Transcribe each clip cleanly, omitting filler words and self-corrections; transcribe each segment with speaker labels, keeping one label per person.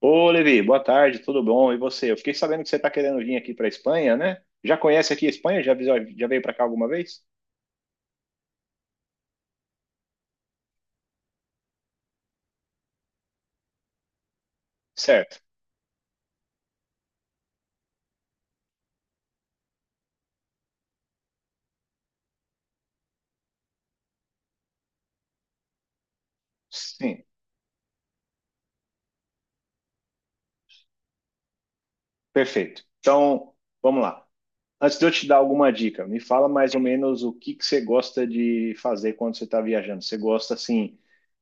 Speaker 1: Ô, Levi, boa tarde, tudo bom? E você? Eu fiquei sabendo que você está querendo vir aqui para a Espanha, né? Já conhece aqui a Espanha? Já, já veio para cá alguma vez? Certo. Sim, perfeito. Então, vamos lá. Antes de eu te dar alguma dica, me fala mais ou menos o que que você gosta de fazer quando você está viajando. Você gosta, assim,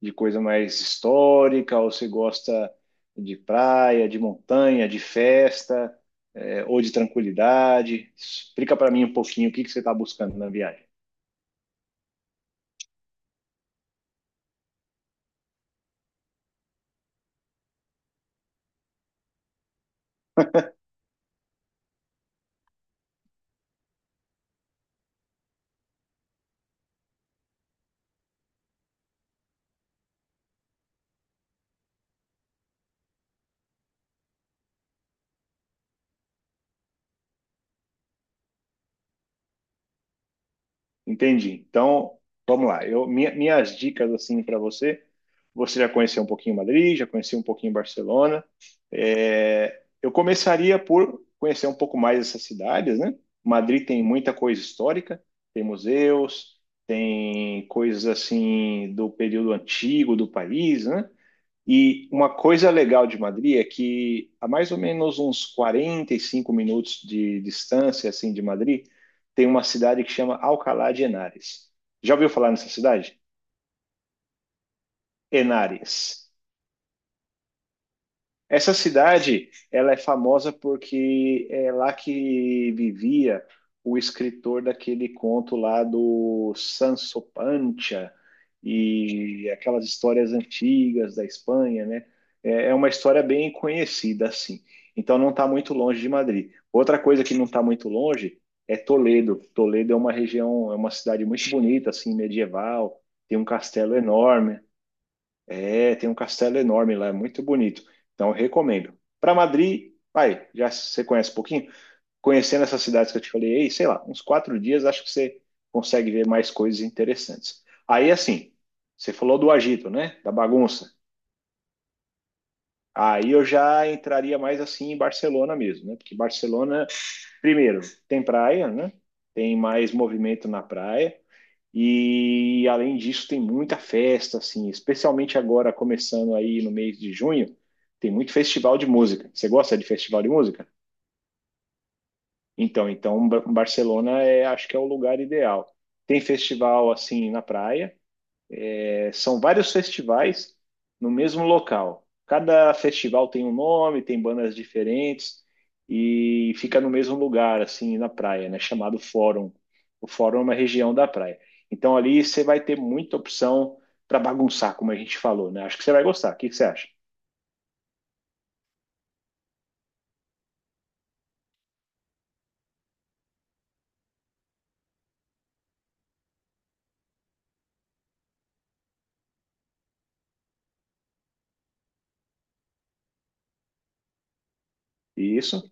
Speaker 1: de coisa mais histórica ou você gosta de praia, de montanha, de festa, ou de tranquilidade? Explica para mim um pouquinho o que que você está buscando na viagem. Entendi. Então, vamos lá. Eu, minhas dicas assim para você. Você já conheceu um pouquinho Madrid, já conhecia um pouquinho Barcelona. É, eu começaria por conhecer um pouco mais essas cidades, né? Madrid tem muita coisa histórica, tem museus, tem coisas assim do período antigo do país, né? E uma coisa legal de Madrid é que a mais ou menos uns 45 minutos de distância assim de Madrid, tem uma cidade que chama Alcalá de Henares. Já ouviu falar nessa cidade? Henares. Essa cidade, ela é famosa porque é lá que vivia o escritor daquele conto lá do Sancho Panza e aquelas histórias antigas da Espanha, né? É uma história bem conhecida, assim. Então não está muito longe de Madrid. Outra coisa que não está muito longe é Toledo. Toledo é uma região, é uma cidade muito bonita, assim, medieval. Tem um castelo enorme, é, tem um castelo enorme lá, é muito bonito. Então, eu recomendo. Para Madrid, vai, já você conhece um pouquinho? Conhecendo essas cidades que eu te falei, ei, sei lá, uns quatro dias, acho que você consegue ver mais coisas interessantes. Aí, assim, você falou do agito, né? Da bagunça. Aí eu já entraria mais assim em Barcelona mesmo, né? Porque Barcelona, primeiro, tem praia, né? Tem mais movimento na praia. E além disso, tem muita festa, assim, especialmente agora começando aí no mês de junho, tem muito festival de música. Você gosta de festival de música? Então, Barcelona é, acho que é o lugar ideal. Tem festival assim na praia, é, são vários festivais no mesmo local. Cada festival tem um nome, tem bandas diferentes e fica no mesmo lugar, assim, na praia, né? Chamado Fórum. O Fórum é uma região da praia. Então ali você vai ter muita opção para bagunçar, como a gente falou, né? Acho que você vai gostar. O que que você acha? Isso.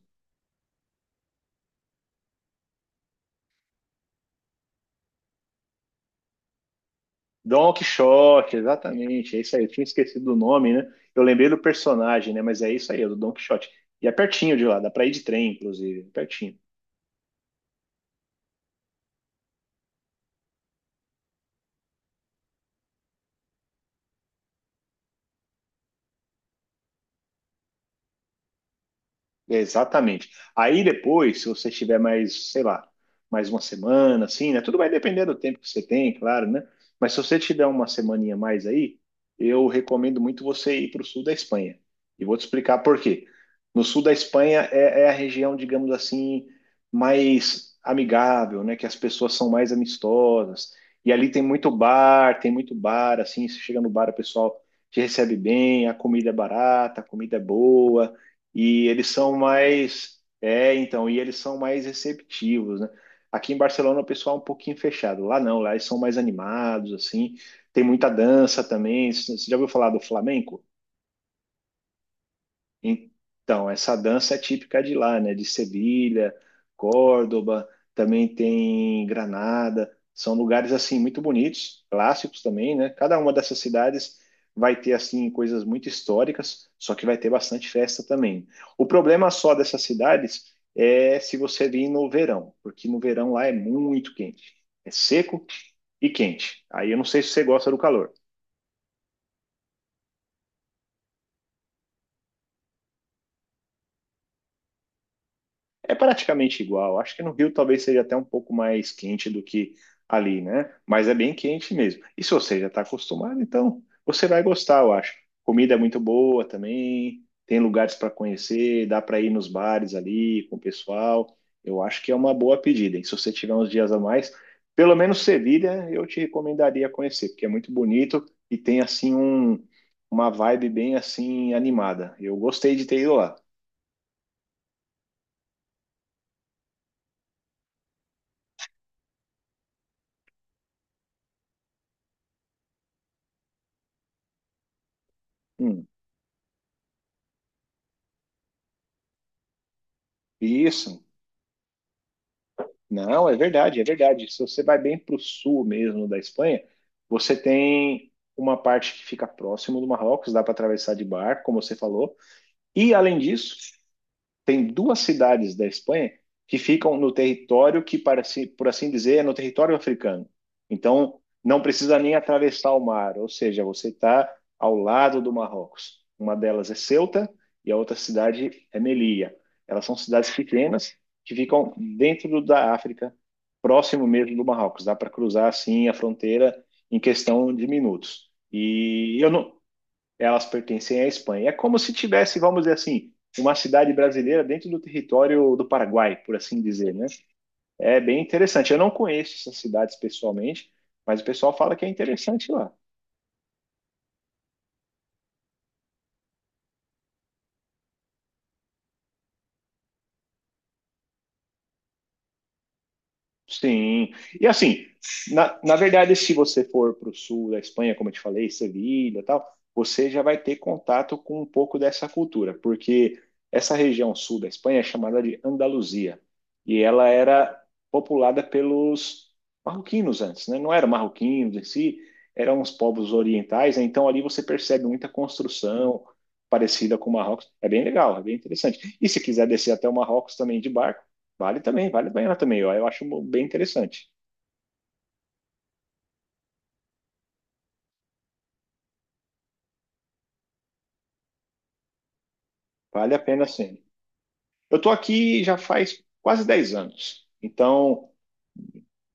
Speaker 1: Don Quixote, exatamente. É isso aí. Eu tinha esquecido do nome, né? Eu lembrei do personagem, né? Mas é isso aí, é do Don Quixote. E é pertinho de lá, dá para ir de trem, inclusive, pertinho. Exatamente. Aí depois, se você tiver mais, sei lá, mais uma semana, assim, né? Tudo vai depender do tempo que você tem, claro, né? Mas se você tiver uma semaninha mais aí, eu recomendo muito você ir para o sul da Espanha. E vou te explicar por quê. No sul da Espanha é, é a região, digamos assim, mais amigável, né? Que as pessoas são mais amistosas. E ali tem muito bar, assim, você chega no bar, o pessoal te recebe bem, a comida é barata, a comida é boa e eles são mais, é, então, e eles são mais receptivos, né? Aqui em Barcelona o pessoal é um pouquinho fechado. Lá não, lá eles são mais animados, assim. Tem muita dança também. Você já ouviu falar do flamenco? Então, essa dança é típica de lá, né? De Sevilha, Córdoba, também tem Granada. São lugares assim muito bonitos, clássicos também, né? Cada uma dessas cidades vai ter assim coisas muito históricas, só que vai ter bastante festa também. O problema só dessas cidades é se você vir no verão, porque no verão lá é muito quente. É seco e quente. Aí eu não sei se você gosta do calor. É praticamente igual. Acho que no Rio talvez seja até um pouco mais quente do que ali, né? Mas é bem quente mesmo. E se você já está acostumado, então você vai gostar, eu acho. Comida é muito boa também, tem lugares para conhecer, dá para ir nos bares ali com o pessoal. Eu acho que é uma boa pedida. E se você tiver uns dias a mais, pelo menos Sevilha, eu te recomendaria conhecer, porque é muito bonito e tem assim um, uma vibe bem assim animada. Eu gostei de ter ido lá. Hum, isso. Não, é verdade, é verdade. Se você vai bem para o sul mesmo da Espanha, você tem uma parte que fica próximo do Marrocos, dá para atravessar de barco, como você falou. E além disso, tem duas cidades da Espanha que ficam no território que, por assim dizer, é no território africano. Então, não precisa nem atravessar o mar, ou seja, você está ao lado do Marrocos. Uma delas é Ceuta e a outra cidade é Melilla. Elas são cidades pequenas que ficam dentro da África, próximo mesmo do Marrocos. Dá para cruzar assim a fronteira em questão de minutos. E eu não, elas pertencem à Espanha. É como se tivesse, vamos dizer assim, uma cidade brasileira dentro do território do Paraguai, por assim dizer, né? É bem interessante. Eu não conheço essas cidades pessoalmente, mas o pessoal fala que é interessante lá. Sim. E assim, na verdade, se você for para o sul da Espanha, como eu te falei, Sevilha e tal, você já vai ter contato com um pouco dessa cultura, porque essa região sul da Espanha é chamada de Andaluzia, e ela era populada pelos marroquinos antes, né? Não eram marroquinos em si, eram os povos orientais, né? Então ali você percebe muita construção parecida com o Marrocos. É bem legal, é bem interessante. E se quiser descer até o Marrocos também de barco vale também, vale a pena também. Eu acho bem interessante. Vale a pena sim. Eu estou aqui já faz quase 10 anos. Então,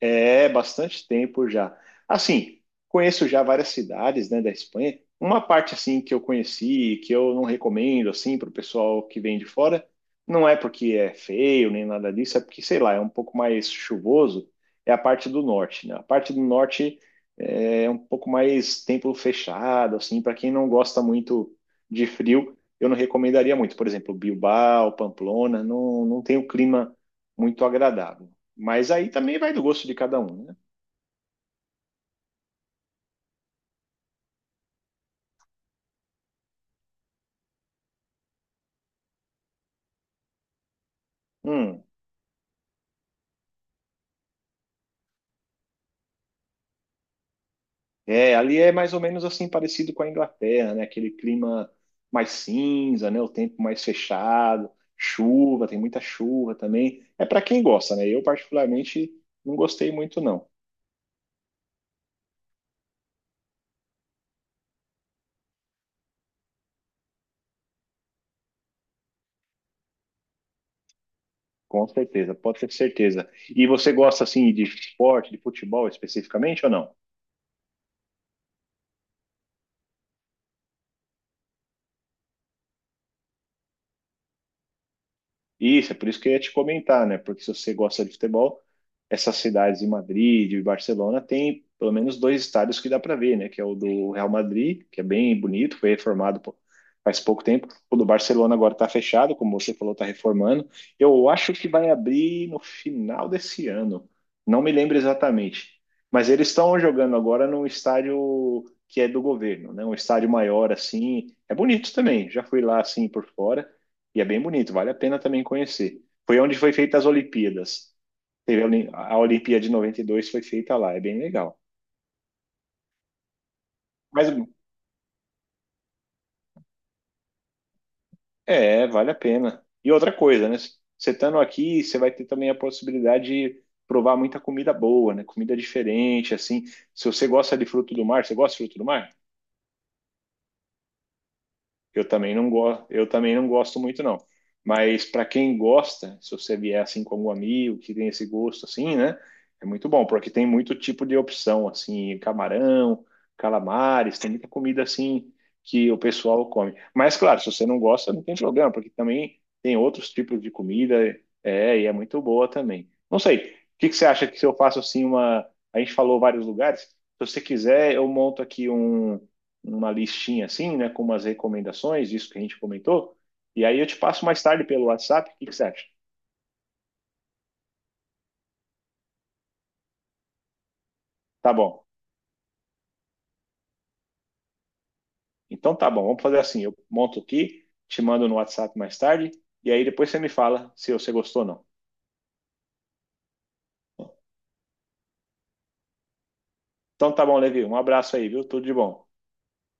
Speaker 1: é, bastante tempo já. Assim, conheço já várias cidades, né, da Espanha. Uma parte assim que eu conheci, e que eu não recomendo assim para o pessoal que vem de fora, não é porque é feio nem nada disso, é porque sei lá, é um pouco mais chuvoso. É a parte do norte, né? A parte do norte é um pouco mais tempo fechado, assim, para quem não gosta muito de frio, eu não recomendaria muito. Por exemplo, Bilbao, Pamplona, não tem um clima muito agradável. Mas aí também vai do gosto de cada um, né? Hum, é, ali é mais ou menos assim parecido com a Inglaterra, né? Aquele clima mais cinza, né? O tempo mais fechado, chuva, tem muita chuva também. É para quem gosta, né? Eu particularmente não gostei muito não. Com certeza, pode ter certeza. E você gosta assim de esporte, de futebol especificamente ou não? Isso, é por isso que eu ia te comentar, né? Porque se você gosta de futebol, essas cidades de Madrid e Barcelona tem pelo menos dois estádios que dá para ver, né? Que é o do Real Madrid, que é bem bonito, foi reformado pô, faz pouco tempo. O do Barcelona agora está fechado, como você falou, está reformando. Eu acho que vai abrir no final desse ano. Não me lembro exatamente. Mas eles estão jogando agora num estádio que é do governo, né? Um estádio maior assim. É bonito também. Já fui lá assim por fora. E é bem bonito, vale a pena também conhecer. Foi onde foi feita as Olimpíadas. Teve a a Olimpíada de 92 foi feita lá, é bem legal. Mas é, vale a pena. E outra coisa, né? Você estando aqui, você vai ter também a possibilidade de provar muita comida boa, né? Comida diferente, assim. Se você gosta de fruto do mar, você gosta de fruto do mar? Eu também não gosto muito não. Mas para quem gosta, se você vier assim com algum amigo que tem esse gosto assim, né? É muito bom, porque tem muito tipo de opção assim, camarão, calamares, tem muita comida assim que o pessoal come. Mas claro, se você não gosta, não tem problema, porque também tem outros tipos de comida, é, e é muito boa também. Não sei, o que que você acha que se eu faço assim uma, a gente falou vários lugares, se você quiser, eu monto aqui uma listinha assim, né, com umas recomendações disso que a gente comentou, e aí eu te passo mais tarde pelo WhatsApp, o que que você acha? Tá bom. Então tá bom, vamos fazer assim, eu monto aqui, te mando no WhatsApp mais tarde, e aí depois você me fala se você gostou ou não. Então tá bom, Levi, um abraço aí, viu? Tudo de bom.